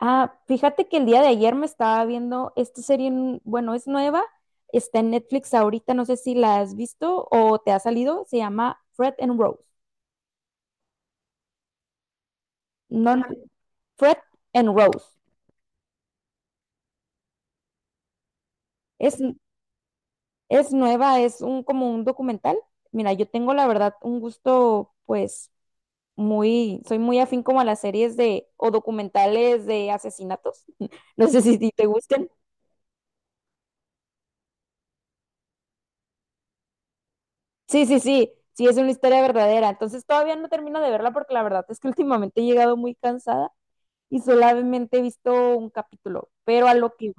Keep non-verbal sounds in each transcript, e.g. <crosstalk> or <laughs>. Ah, fíjate que el día de ayer me estaba viendo esta serie, bueno, es nueva, está en Netflix ahorita, no sé si la has visto o te ha salido, se llama Fred and Rose. No, no, Fred and Rose. Es, es nueva, es un como un documental. Mira, yo tengo la verdad un gusto, pues, soy muy afín como a las series de, o documentales de asesinatos. <laughs> No sé si te gusten. Sí, sí, sí, sí, es una historia verdadera. Entonces todavía no termino de verla porque la verdad es que <laughs> últimamente he llegado muy cansada y solamente he visto un capítulo, pero a lo que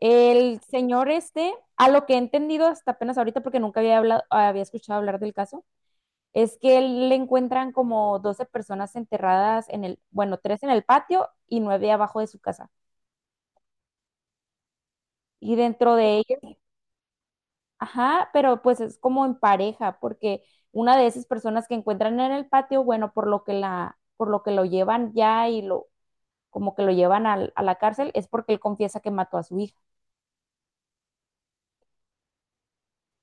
el señor este, a lo que he entendido hasta apenas ahorita porque nunca había hablado, había escuchado hablar del caso, es que le encuentran como 12 personas enterradas en el, bueno, tres en el patio y nueve abajo de su casa. Y dentro de ellas, ajá, pero pues es como en pareja, porque una de esas personas que encuentran en el patio, bueno, por lo que la, por lo que lo llevan ya y lo, como que lo llevan a, la cárcel, es porque él confiesa que mató a su hija.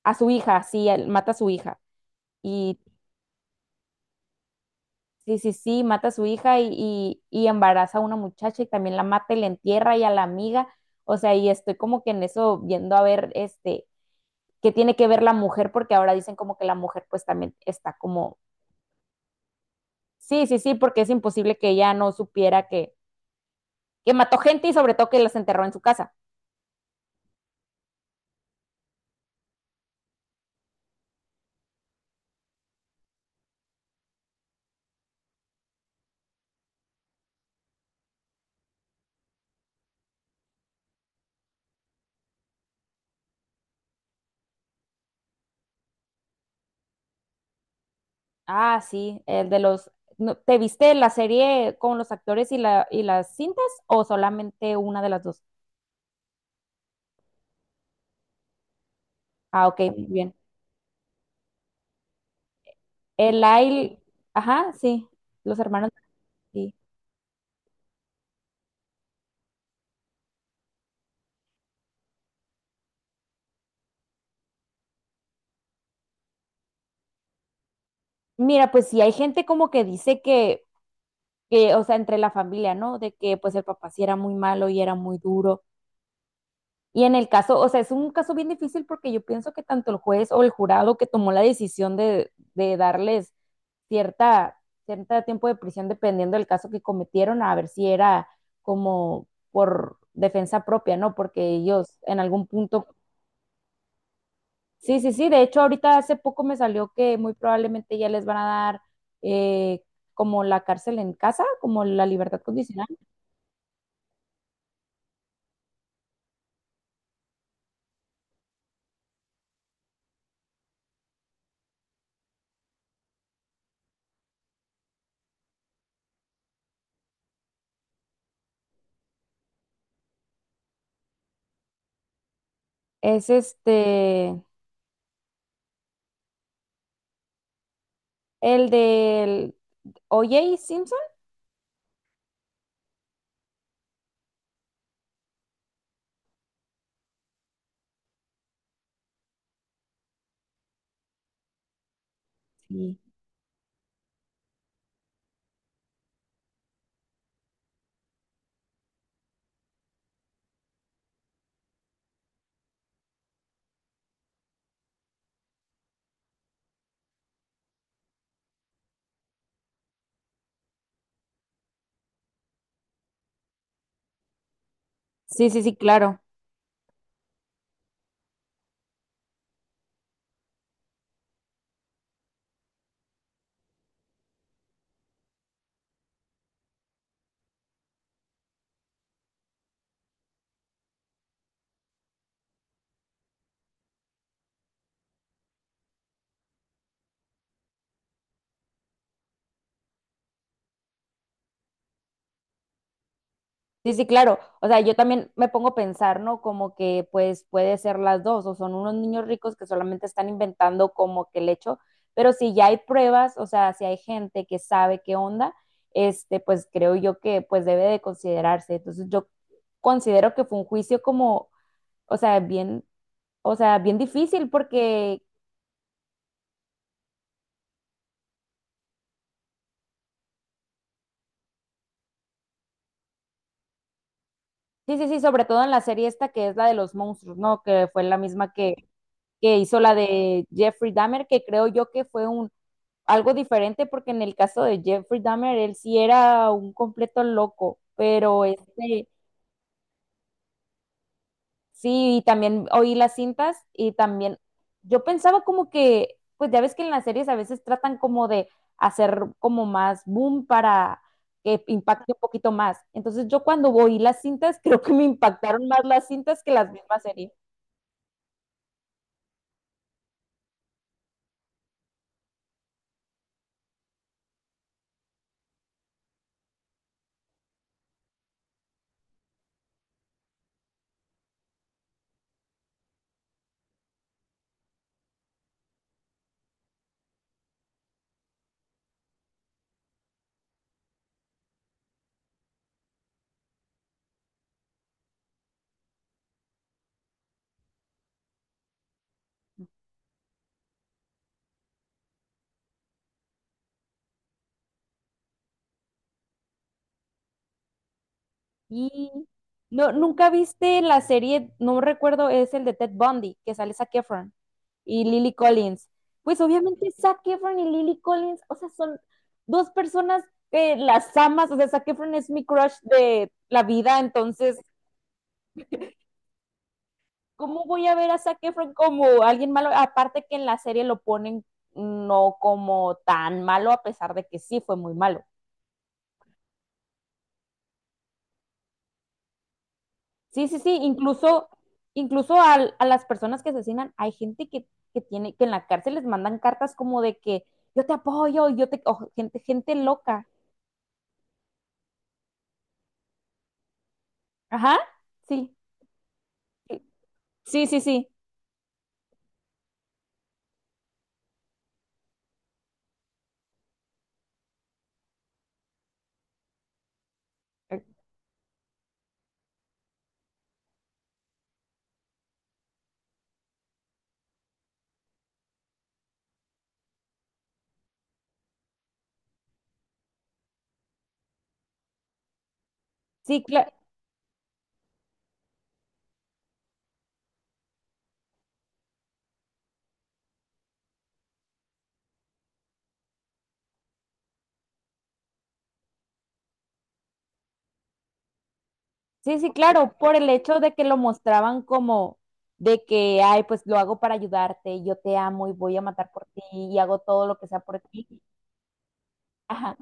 A su hija, sí, él mata a su hija. Y sí, sí, sí, mata a su hija y embaraza a una muchacha y también la mata y la entierra y a la amiga. O sea, y estoy como que en eso viendo a ver este qué tiene que ver la mujer, porque ahora dicen como que la mujer pues también está como. Sí, sí, sí, porque es imposible que ella no supiera que mató gente y sobre todo que las enterró en su casa. Ah, sí, el de los. ¿Te viste la serie con los actores y, la, y las cintas o solamente una de las dos? Ah, ok, muy bien. El Lyle, ajá, sí, los hermanos. Sí. Mira, pues sí, hay gente como que dice que, o sea, entre la familia, ¿no? De que pues el papá sí era muy malo y era muy duro. Y en el caso, o sea, es un caso bien difícil porque yo pienso que tanto el juez o el jurado que tomó la decisión de darles cierta, cierta tiempo de prisión dependiendo del caso que cometieron, a ver si era como por defensa propia, ¿no? Porque ellos en algún punto. Sí, sí, sí, de hecho ahorita hace poco me salió que muy probablemente ya les van a dar eh, como la cárcel en casa, como la libertad condicional. Es este, el del O.J. Simpson. Sí, sí, sí, claro. Sí, sí, claro. O sea, yo también me pongo a pensar, ¿no? Como que pues puede ser las dos, o son unos niños ricos que solamente están inventando como que el hecho, pero si ya hay pruebas, o sea, si hay gente que sabe qué onda, este, pues creo yo que pues debe de considerarse. Entonces yo considero que fue un juicio como, o sea, bien, o sea, bien difícil porque, sí, sí, sí, sobre todo en la serie esta que es la de los monstruos, ¿no? Que fue la misma que hizo la de Jeffrey Dahmer, que creo yo que fue un algo diferente porque en el caso de Jeffrey Dahmer, él sí era un completo loco, pero este, sí, y también oí las cintas y también yo pensaba como que, pues ya ves que en las series a veces tratan como de hacer como más boom para que impacte un poquito más. Entonces yo cuando oí las cintas, <laughs> creo que me impactaron más las cintas que las mismas series. Y no, nunca viste la serie, no recuerdo, es el de Ted Bundy, que sale Zac Efron y Lily Collins. Pues obviamente Zac Efron y Lily Collins, o sea, son dos personas que las amas, o sea, Zac Efron es mi crush de la vida, entonces, ¿cómo voy a ver a Zac Efron como alguien malo? Aparte que en la serie lo ponen no como tan malo, a pesar de que sí fue muy malo. Sí, sí, sí, incluso, a, las personas que asesinan, hay gente que tiene, que en la cárcel les mandan cartas como de que yo te apoyo, yo te, o gente, gente loca. Ajá, sí, sí, sí, sí. Eh, Sí, sí, sí, claro, por el hecho de que lo mostraban como de que, ay, pues lo hago para ayudarte, yo te amo y voy a matar por ti y hago todo lo que sea por ti. Ajá,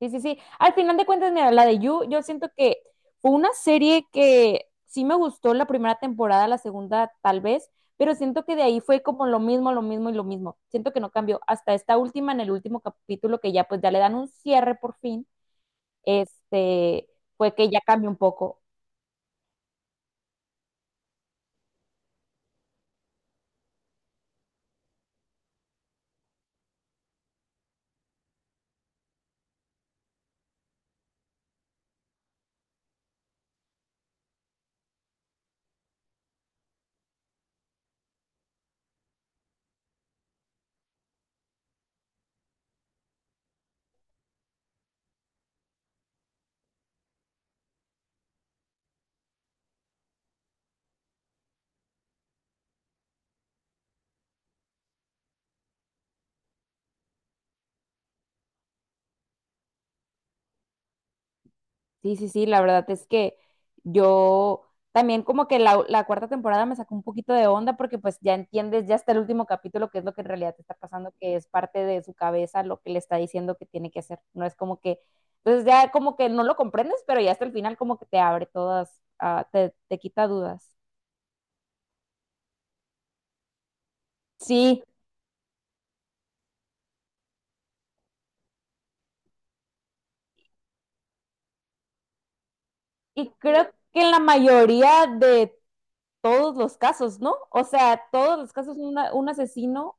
sí, sí, sí. Al final de cuentas, mira, la de You, yo siento que fue una serie que sí me gustó la primera temporada, la segunda tal vez, pero siento que de ahí fue como lo mismo y lo mismo. Siento que no cambió hasta esta última, en el último capítulo que ya pues ya le dan un cierre por fin este, fue que ya cambió un poco. Sí, sí, sí, la verdad es que yo también como que la cuarta temporada me sacó un poquito de onda porque pues ya entiendes, ya está el último capítulo, que es lo que en realidad te está pasando, que es parte de su cabeza lo que le está diciendo que tiene que hacer. No es como que, entonces ya como que no lo comprendes, pero ya hasta el final como que te abre todas, ah, te quita dudas. Sí, y creo que en la mayoría de todos los casos, ¿no? O sea, todos los casos, un asesino,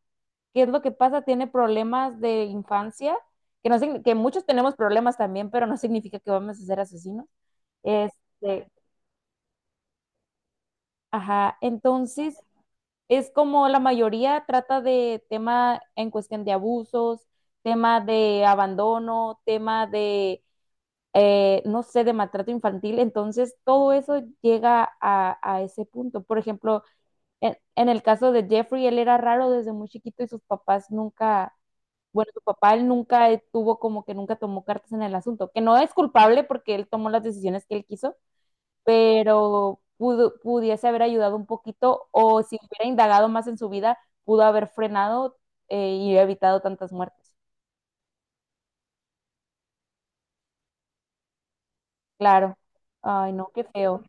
¿qué es lo que pasa? Tiene problemas de infancia, que, no, que muchos tenemos problemas también, pero no significa que vamos a ser asesinos. Este, ajá, entonces es como la mayoría trata de tema en cuestión de abusos, tema de abandono, tema de, no sé, de maltrato infantil, entonces todo eso llega a ese punto. Por ejemplo, en el caso de Jeffrey, él era raro desde muy chiquito y sus papás nunca, bueno, su papá él nunca tuvo como que nunca tomó cartas en el asunto, que no es culpable porque él tomó las decisiones que él quiso, pero pudo, pudiese haber ayudado un poquito o si hubiera indagado más en su vida, pudo haber frenado y evitado tantas muertes. Claro. Ay, no, qué feo.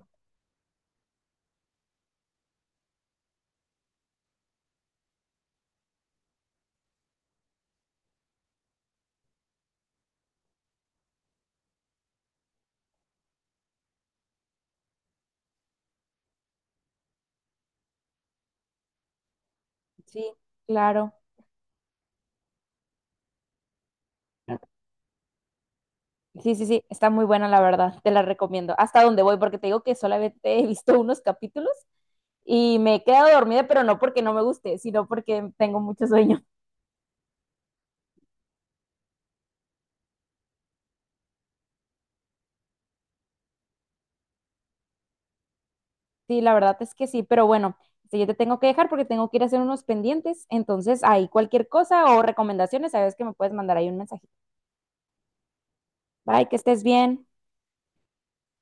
Sí, claro. Sí, sí, sí, está muy buena la verdad, te la recomiendo. Hasta donde voy, porque te digo que solamente he visto unos capítulos y me he quedado dormida, pero no porque no me guste, sino porque tengo mucho sueño. Sí, la verdad es que sí, pero bueno, este, yo te tengo que dejar porque tengo que ir a hacer unos pendientes, entonces ahí cualquier cosa o recomendaciones, sabes que me puedes mandar ahí un mensajito. Bye, que estés bien.